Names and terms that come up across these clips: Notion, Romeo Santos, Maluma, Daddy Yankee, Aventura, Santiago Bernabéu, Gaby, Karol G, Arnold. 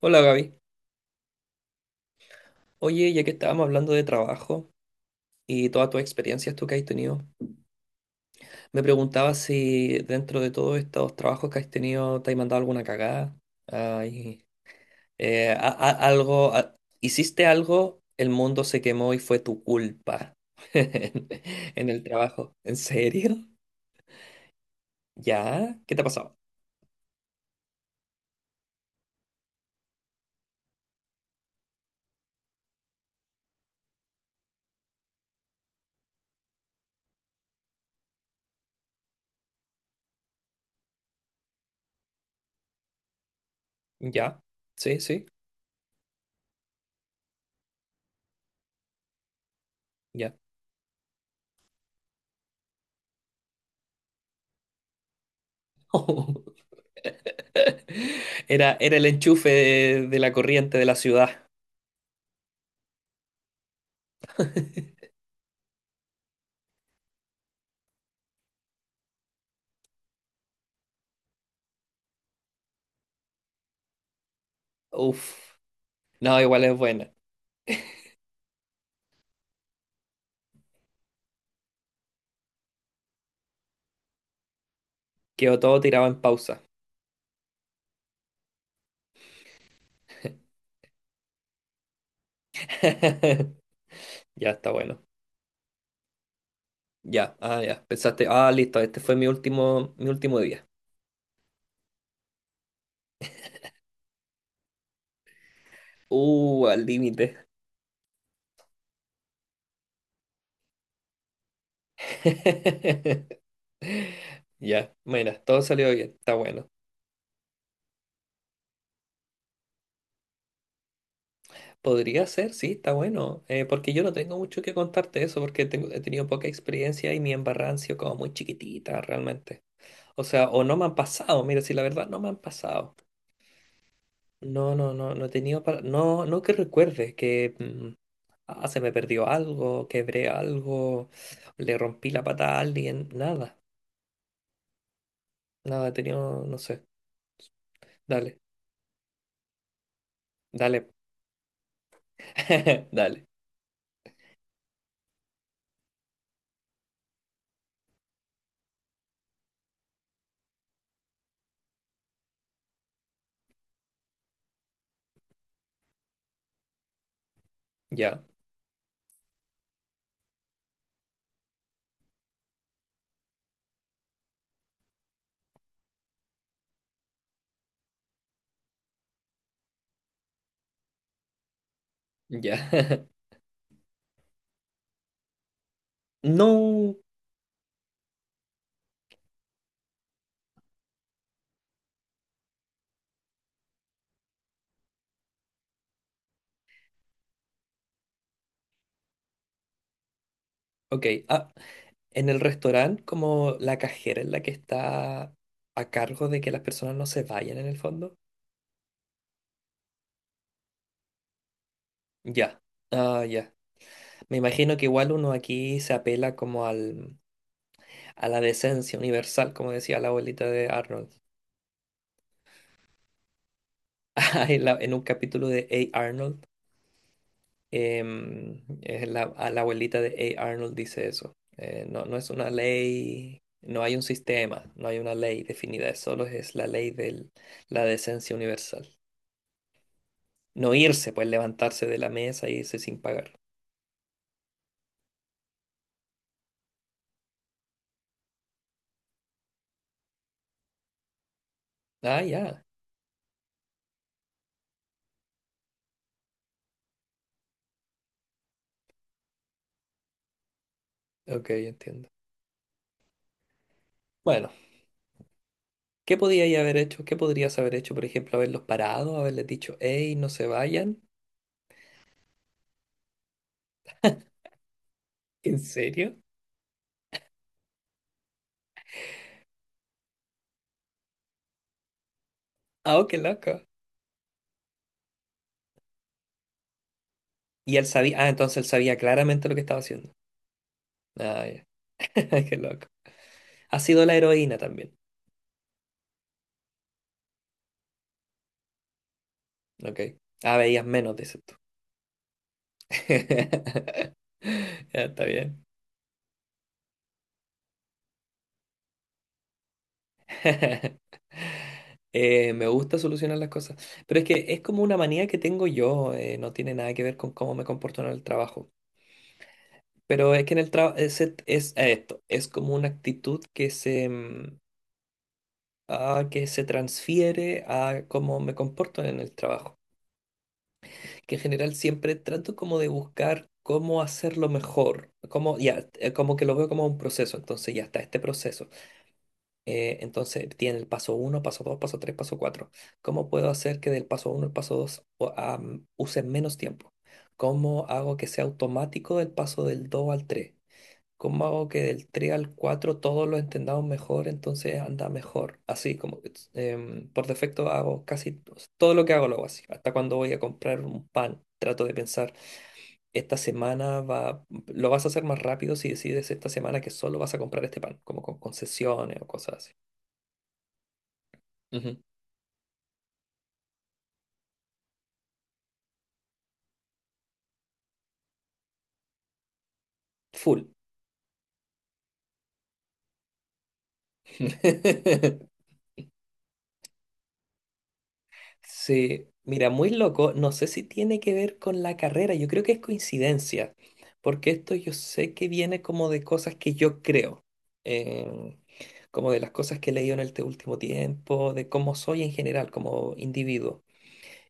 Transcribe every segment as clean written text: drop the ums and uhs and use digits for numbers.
Hola Gaby. Oye, ya que estábamos hablando de trabajo y todas tus experiencias tú que has tenido, me preguntaba si dentro de todos estos trabajos que has tenido te has mandado alguna cagada. Ay, algo, hiciste algo, el mundo se quemó y fue tu culpa en el trabajo. ¿En serio? ¿Ya? ¿Qué te ha pasado? ¿Ya? Sí, sí, ya. Era, era el enchufe de la corriente de la ciudad. Uf. No, igual es buena. Quedó todo tirado en pausa. Ya está bueno. Ya, ah, ya. Pensaste, ah, listo, este fue mi último día. Al límite. Ya, mira, todo salió bien, está bueno. Podría ser, sí, está bueno. Porque yo no tengo mucho que contarte eso, porque tengo, he tenido poca experiencia y mi embarrada han sido como muy chiquitita realmente. O sea, o no me han pasado, mira, si la verdad no me han pasado. No, no, no, no he tenido para... No, no que recuerde que... ah, se me perdió algo, quebré algo, le rompí la pata a alguien, nada, nada, he tenido, no sé, dale, dale, dale, ya, ya. No, ok, ah, en el restaurante, como la cajera es la que está a cargo de que las personas no se vayan en el fondo, ya. Ah, ya. Me imagino que igual uno aquí se apela como al, a la decencia universal, como decía la abuelita de Arnold, en un capítulo de A. Arnold. Es la, a la abuelita de A. Arnold dice eso. No, no es una ley, no hay un sistema, no hay una ley definida, es solo es la ley de la decencia universal. No irse, pues levantarse de la mesa e irse sin pagar. Ah, ya, ok, entiendo. Bueno, ¿qué podía ella haber hecho? ¿Qué podrías haber hecho? Por ejemplo, haberlos parado, haberles dicho, hey, no se vayan. ¿En serio? Ah, oh, qué loco. Y él sabía, ah, entonces él sabía claramente lo que estaba haciendo. Ah, ya, qué loco. Ha sido la heroína también. Ok. Ah, veías menos, dices tú. Ya está bien. Me gusta solucionar las cosas, pero es que es como una manía que tengo yo, no tiene nada que ver con cómo me comporto en el trabajo. Pero es que en el trabajo es, es esto, es como una actitud que se, ah, que se transfiere a cómo me comporto en el trabajo. Que en general siempre trato como de buscar cómo hacerlo mejor, como, ya, como que lo veo como un proceso, entonces ya está este proceso. Entonces tiene el paso uno, paso 2, paso 3, paso 4. ¿Cómo puedo hacer que del paso uno al paso 2 use menos tiempo? ¿Cómo hago que sea automático el paso del 2 al 3? ¿Cómo hago que del 3 al 4 todos lo entendamos mejor, entonces anda mejor? Así como it's, por defecto hago casi todo lo que hago lo hago así. Hasta cuando voy a comprar un pan, trato de pensar, esta semana va, lo vas a hacer más rápido si decides esta semana que solo vas a comprar este pan, como con concesiones o cosas así. Ujú. Full. Sí, mira, muy loco. No sé si tiene que ver con la carrera. Yo creo que es coincidencia, porque esto yo sé que viene como de cosas que yo creo, em, como de las cosas que he leído en este último tiempo, de cómo soy en general, como individuo.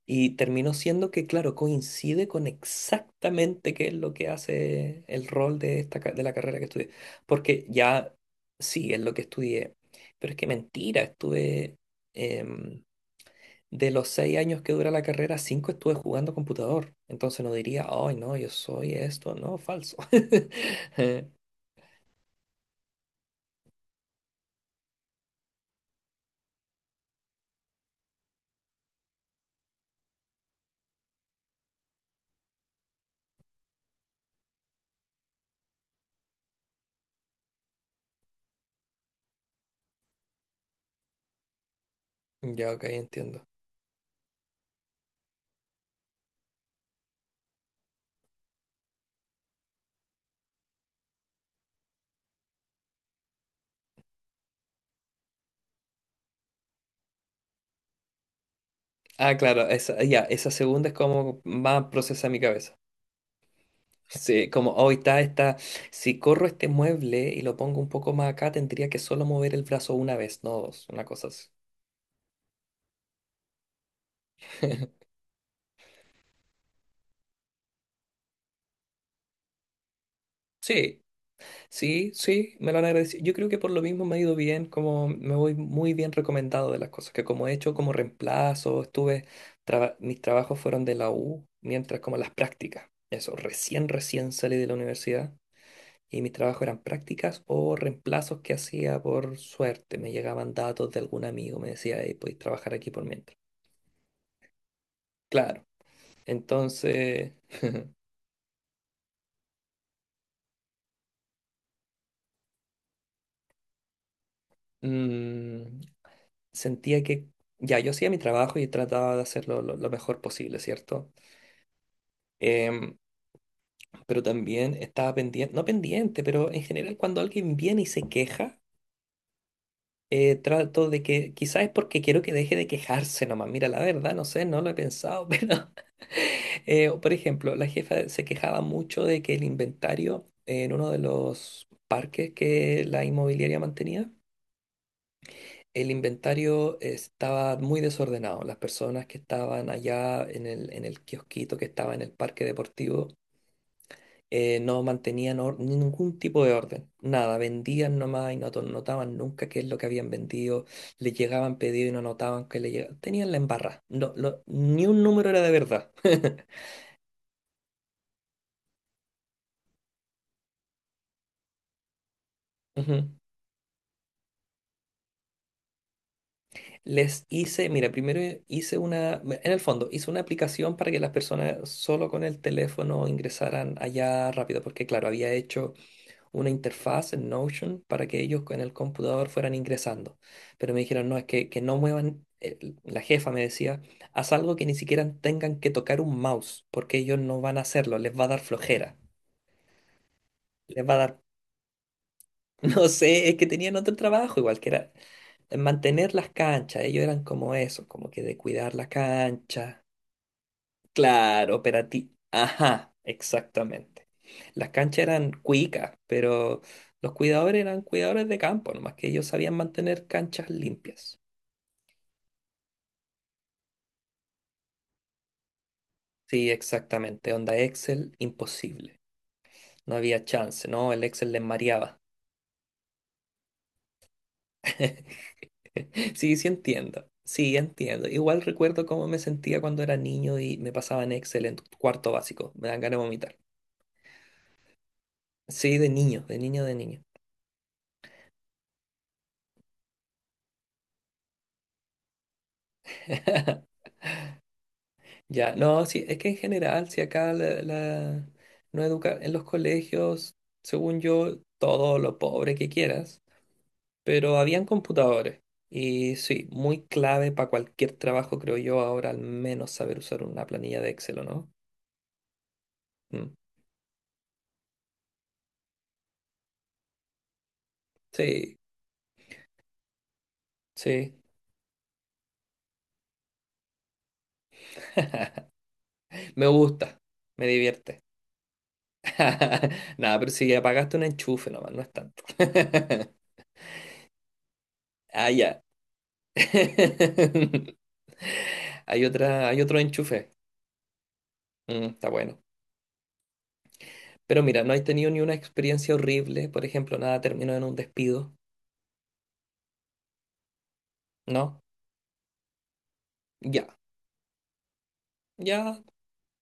Y terminó siendo que, claro, coincide con exactamente qué es lo que hace el rol de, esta, de la carrera que estudié. Porque ya sí, es lo que estudié. Pero es que mentira, estuve em, de los 6 años que dura la carrera, cinco estuve jugando computador. Entonces no diría, ay, no, yo soy esto. No, falso. Eh, ya, ok, entiendo. Ah, claro, esa, ya, esa segunda es como más procesa mi cabeza. Sí, como hoy está, está, si corro este mueble y lo pongo un poco más acá, tendría que solo mover el brazo una vez, no dos, una cosa así. Sí, sí, sí, me lo han agradecido. Yo creo que por lo mismo me ha ido bien, como me voy muy bien recomendado de las cosas, que como he hecho como reemplazo, estuve, mis trabajos fueron de la U, mientras como las prácticas, eso, recién, recién salí de la universidad. Y mis trabajos eran prácticas o reemplazos que hacía por suerte. Me llegaban datos de algún amigo, me decía, hey, podéis trabajar aquí por mientras. Claro, entonces mm, sentía que ya yo hacía mi trabajo y trataba de hacerlo lo mejor posible, ¿cierto? Em, pero también estaba pendiente, no pendiente, pero en general cuando alguien viene y se queja, trato de que, quizás es porque quiero que deje de quejarse nomás. Mira, la verdad, no sé, no lo he pensado, pero, por ejemplo, la jefa se quejaba mucho de que el inventario en uno de los parques que la inmobiliaria mantenía, el inventario estaba muy desordenado. Las personas que estaban allá en el kiosquito que estaba en el parque deportivo no mantenían ningún tipo de orden, nada, vendían nomás y no notaban nunca qué es lo que habían vendido, les llegaban pedidos y no notaban que le llegaban, tenían la embarra, no, ni un número era de verdad. Ujú. Les hice, mira, primero hice una, en el fondo, hice una aplicación para que las personas solo con el teléfono ingresaran allá rápido, porque claro, había hecho una interfaz en Notion para que ellos en el computador fueran ingresando. Pero me dijeron, no, es que no muevan, la jefa me decía, haz algo que ni siquiera tengan que tocar un mouse, porque ellos no van a hacerlo, les va a dar flojera, les va a dar, no sé, es que tenían otro trabajo igual que era... mantener las canchas, ellos eran como eso, como que de cuidar la cancha, claro, operativo. Ajá, exactamente. Las canchas eran cuicas, pero los cuidadores eran cuidadores de campo, nomás que ellos sabían mantener canchas limpias. Sí, exactamente. Onda Excel, imposible. No había chance, ¿no? El Excel les mareaba. Sí, sí entiendo. Sí, entiendo. Igual recuerdo cómo me sentía cuando era niño y me pasaba en Excel en cuarto básico. Me dan ganas de vomitar. Sí, de niño, de niño, de niño. Ya, no, sí, es que en general, si acá no educa en los colegios, según yo, todo lo pobre que quieras, pero habían computadores. Y sí, muy clave para cualquier trabajo, creo yo, ahora al menos saber usar una planilla de Excel, ¿o no? Mm, sí, sí. Me gusta, me divierte. Nada, pero si apagaste un enchufe nomás, no es tanto. Ah, ya. Hay otra, hay otro enchufe. Mm, está bueno. Pero mira, no has tenido ni una experiencia horrible, por ejemplo, nada terminó en un despido, ¿no? Ya, ya,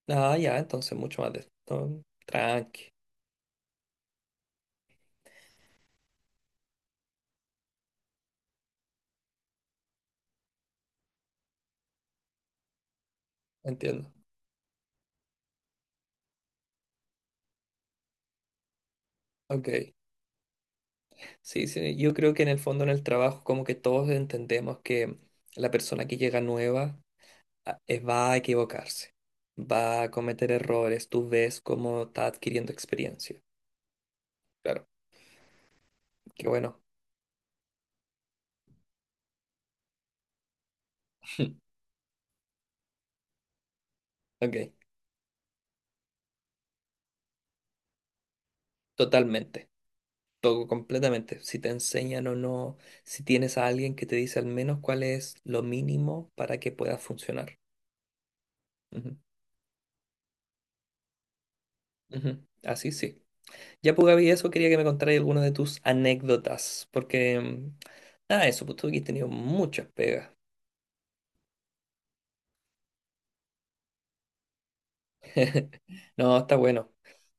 nada, ya, entonces mucho más de esto. Tranqui, entiendo. Ok, sí, sí, yo creo que en el fondo en el trabajo como que todos entendemos que la persona que llega nueva va a equivocarse, va a cometer errores, tú ves cómo está adquiriendo experiencia. Claro, qué bueno. Ok, totalmente. Todo completamente. Si te enseñan o no, si tienes a alguien que te dice al menos cuál es lo mínimo para que puedas funcionar. Ujú, ujú. Así sí. Ya, pues, Gaby, eso quería que me contaras algunas de tus anécdotas, porque, nada, eso, pues tú aquí has tenido muchas pegas. No, está bueno.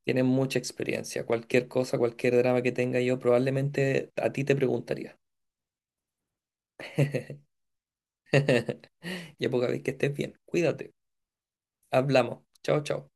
Tienes mucha experiencia. Cualquier cosa, cualquier drama que tenga yo, probablemente a ti te preguntaría. Ya, pues, Gaby, que estés bien. Cuídate. Hablamos. Chao, chao.